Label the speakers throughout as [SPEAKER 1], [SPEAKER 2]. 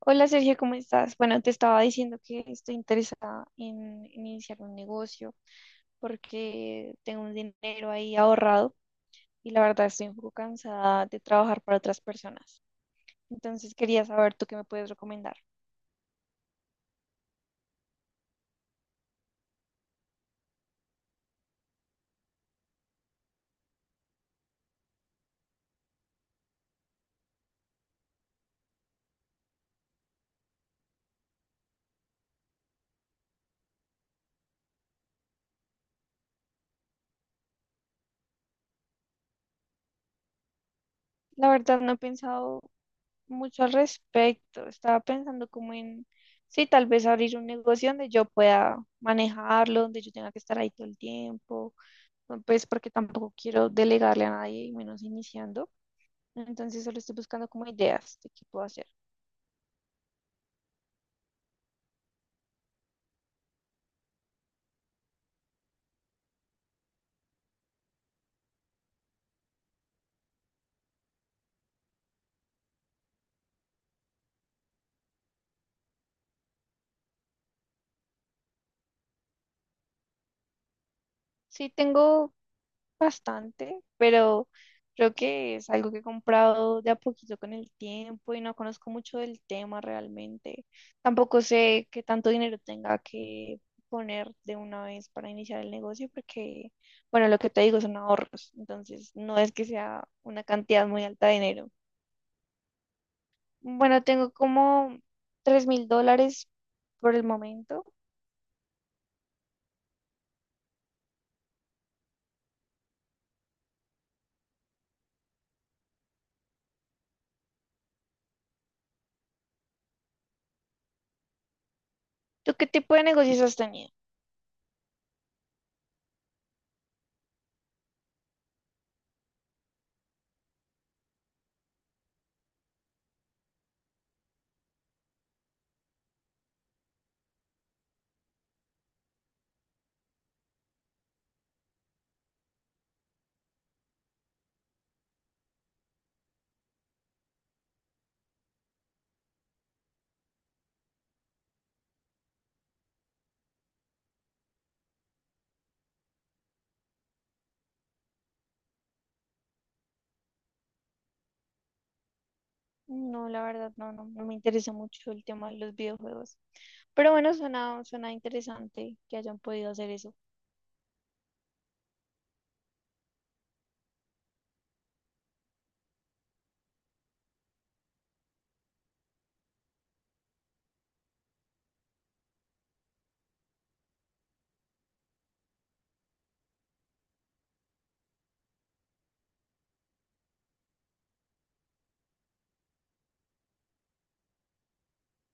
[SPEAKER 1] Hola Sergio, ¿cómo estás? Bueno, te estaba diciendo que estoy interesada en iniciar un negocio porque tengo un dinero ahí ahorrado y la verdad estoy un poco cansada de trabajar para otras personas. Entonces quería saber tú qué me puedes recomendar. La verdad no he pensado mucho al respecto. Estaba pensando como en, sí, tal vez abrir un negocio donde yo pueda manejarlo, donde yo tenga que estar ahí todo el tiempo, pues porque tampoco quiero delegarle a nadie, y menos iniciando. Entonces solo estoy buscando como ideas de qué puedo hacer. Sí, tengo bastante, pero creo que es algo que he comprado de a poquito con el tiempo y no conozco mucho del tema realmente. Tampoco sé qué tanto dinero tenga que poner de una vez para iniciar el negocio porque, bueno, lo que te digo son ahorros, entonces no es que sea una cantidad muy alta de dinero. Bueno, tengo como $3.000 por el momento. ¿Tú qué tipo de negocios has tenido? No, la verdad, no, no, no me interesa mucho el tema de los videojuegos. Pero bueno, suena, suena interesante que hayan podido hacer eso.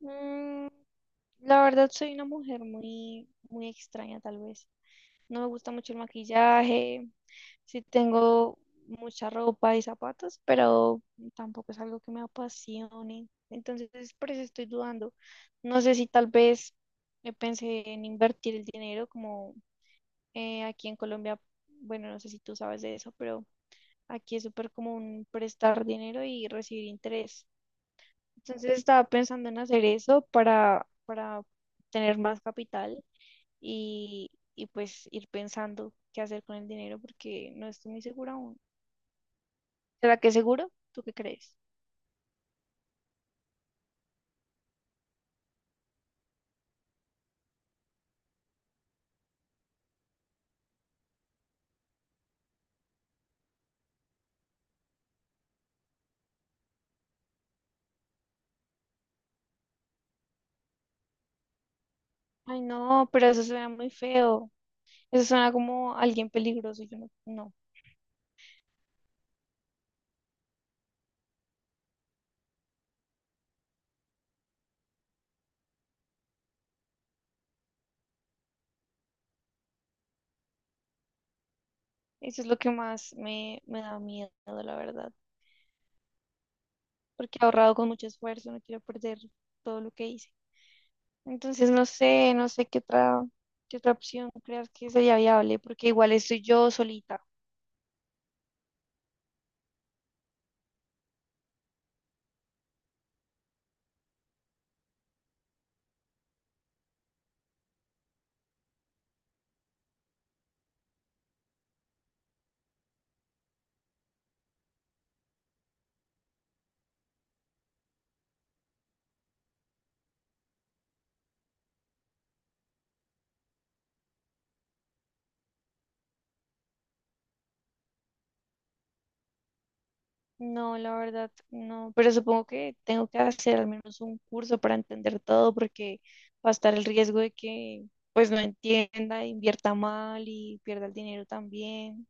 [SPEAKER 1] Mm, la verdad, soy una mujer muy, muy extraña, tal vez. No me gusta mucho el maquillaje. Sí tengo mucha ropa y zapatos, pero tampoco es algo que me apasione. Entonces, por eso estoy dudando. No sé si tal vez pensé en invertir el dinero como aquí en Colombia. Bueno, no sé si tú sabes de eso, pero aquí es súper común prestar dinero y recibir interés. Entonces estaba pensando en hacer eso para tener más capital y pues ir pensando qué hacer con el dinero porque no estoy muy segura aún. ¿Será que es seguro? ¿Tú qué crees? Ay, no, pero eso suena muy feo. Eso suena como alguien peligroso. Yo no, no. Eso es lo que más me da miedo, la verdad. Porque he ahorrado con mucho esfuerzo, no quiero perder todo lo que hice. Entonces no sé, no sé qué otra opción creas que sería viable, porque igual estoy yo solita. No, la verdad, no. Pero supongo que tengo que hacer al menos un curso para entender todo, porque va a estar el riesgo de que pues no entienda, invierta mal y pierda el dinero también.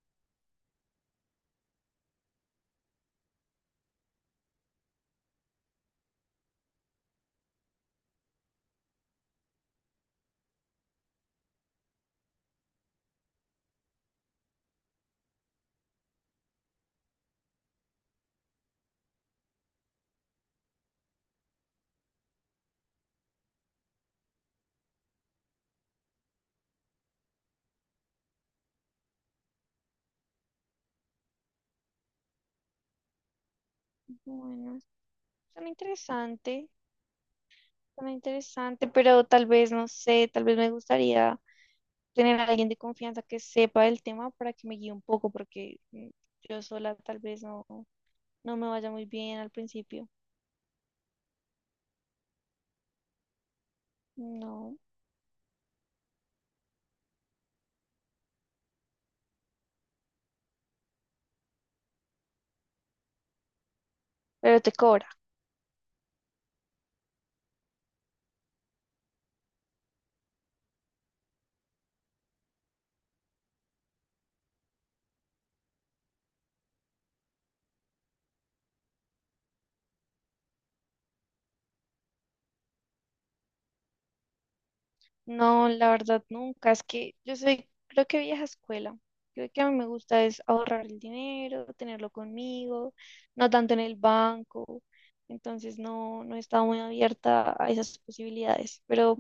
[SPEAKER 1] Bueno, suena interesante, suena interesante, pero tal vez, no sé, tal vez me gustaría tener a alguien de confianza que sepa el tema para que me guíe un poco, porque yo sola tal vez no, no me vaya muy bien al principio. No, pero te cobra. No, la verdad nunca. Es que yo soy, creo que vieja escuela. Creo que a mí me gusta es ahorrar el dinero, tenerlo conmigo, no tanto en el banco. Entonces no, no he estado muy abierta a esas posibilidades. Pero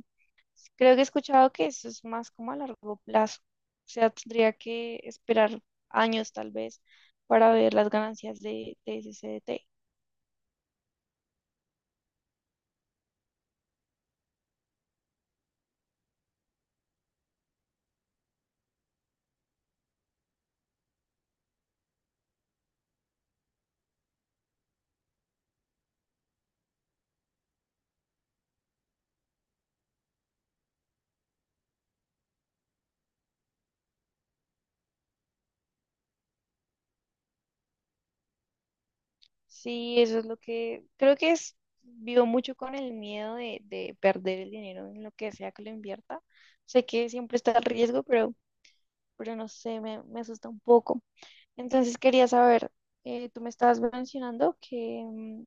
[SPEAKER 1] creo que he escuchado que eso es más como a largo plazo. O sea, tendría que esperar años tal vez para ver las ganancias de ese CDT. Sí, eso es lo que creo que es, vivo mucho con el miedo de perder el dinero en lo que sea que lo invierta. Sé que siempre está el riesgo, pero no sé, me asusta un poco. Entonces quería saber, tú me estabas mencionando que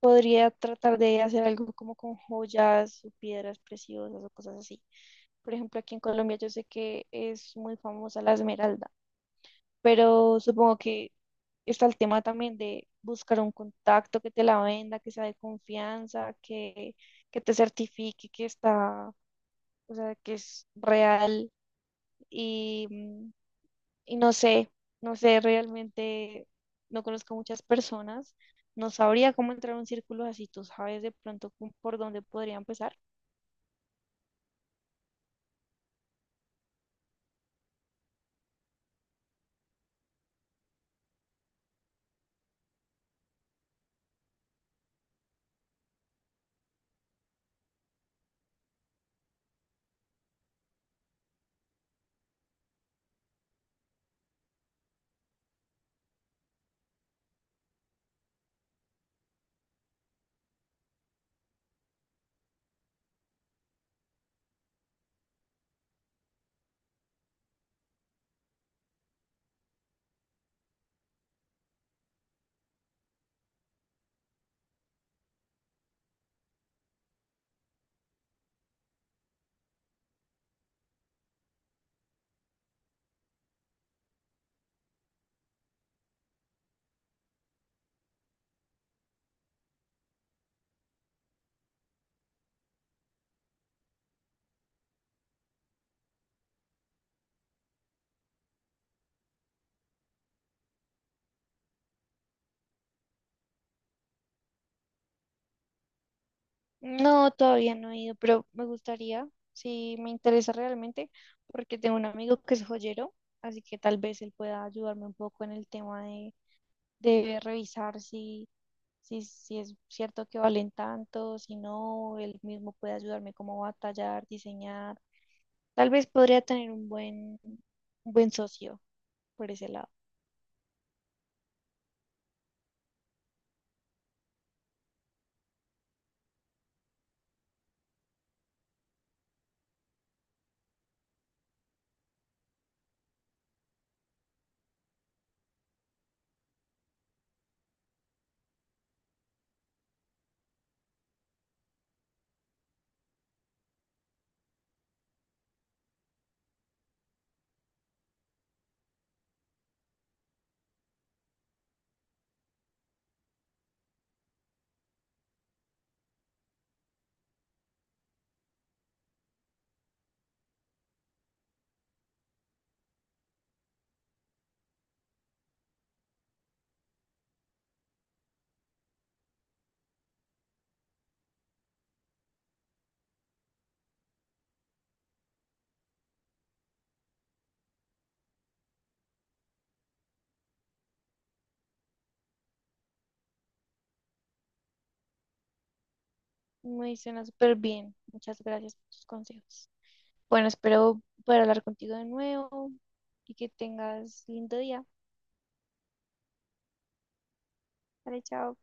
[SPEAKER 1] podría tratar de hacer algo como con joyas o piedras preciosas o cosas así. Por ejemplo, aquí en Colombia yo sé que es muy famosa la esmeralda, pero supongo que está el tema también de buscar un contacto que te la venda, que sea de confianza, que te certifique que está, o sea, que es real y, mm, y no sé, no sé, realmente no conozco muchas personas, no sabría cómo entrar a un círculo así, tú sabes de pronto cómo- por dónde podría empezar. No, todavía no he ido, pero me gustaría, si me interesa realmente, porque tengo un amigo que es joyero, así que tal vez él pueda ayudarme un poco en el tema de revisar si, si, si es cierto que valen tanto, si no, él mismo puede ayudarme como a tallar, diseñar. Tal vez podría tener un buen socio por ese lado. Me suena súper bien. Muchas gracias por tus consejos. Bueno, espero poder hablar contigo de nuevo y que tengas lindo día. Vale, chao.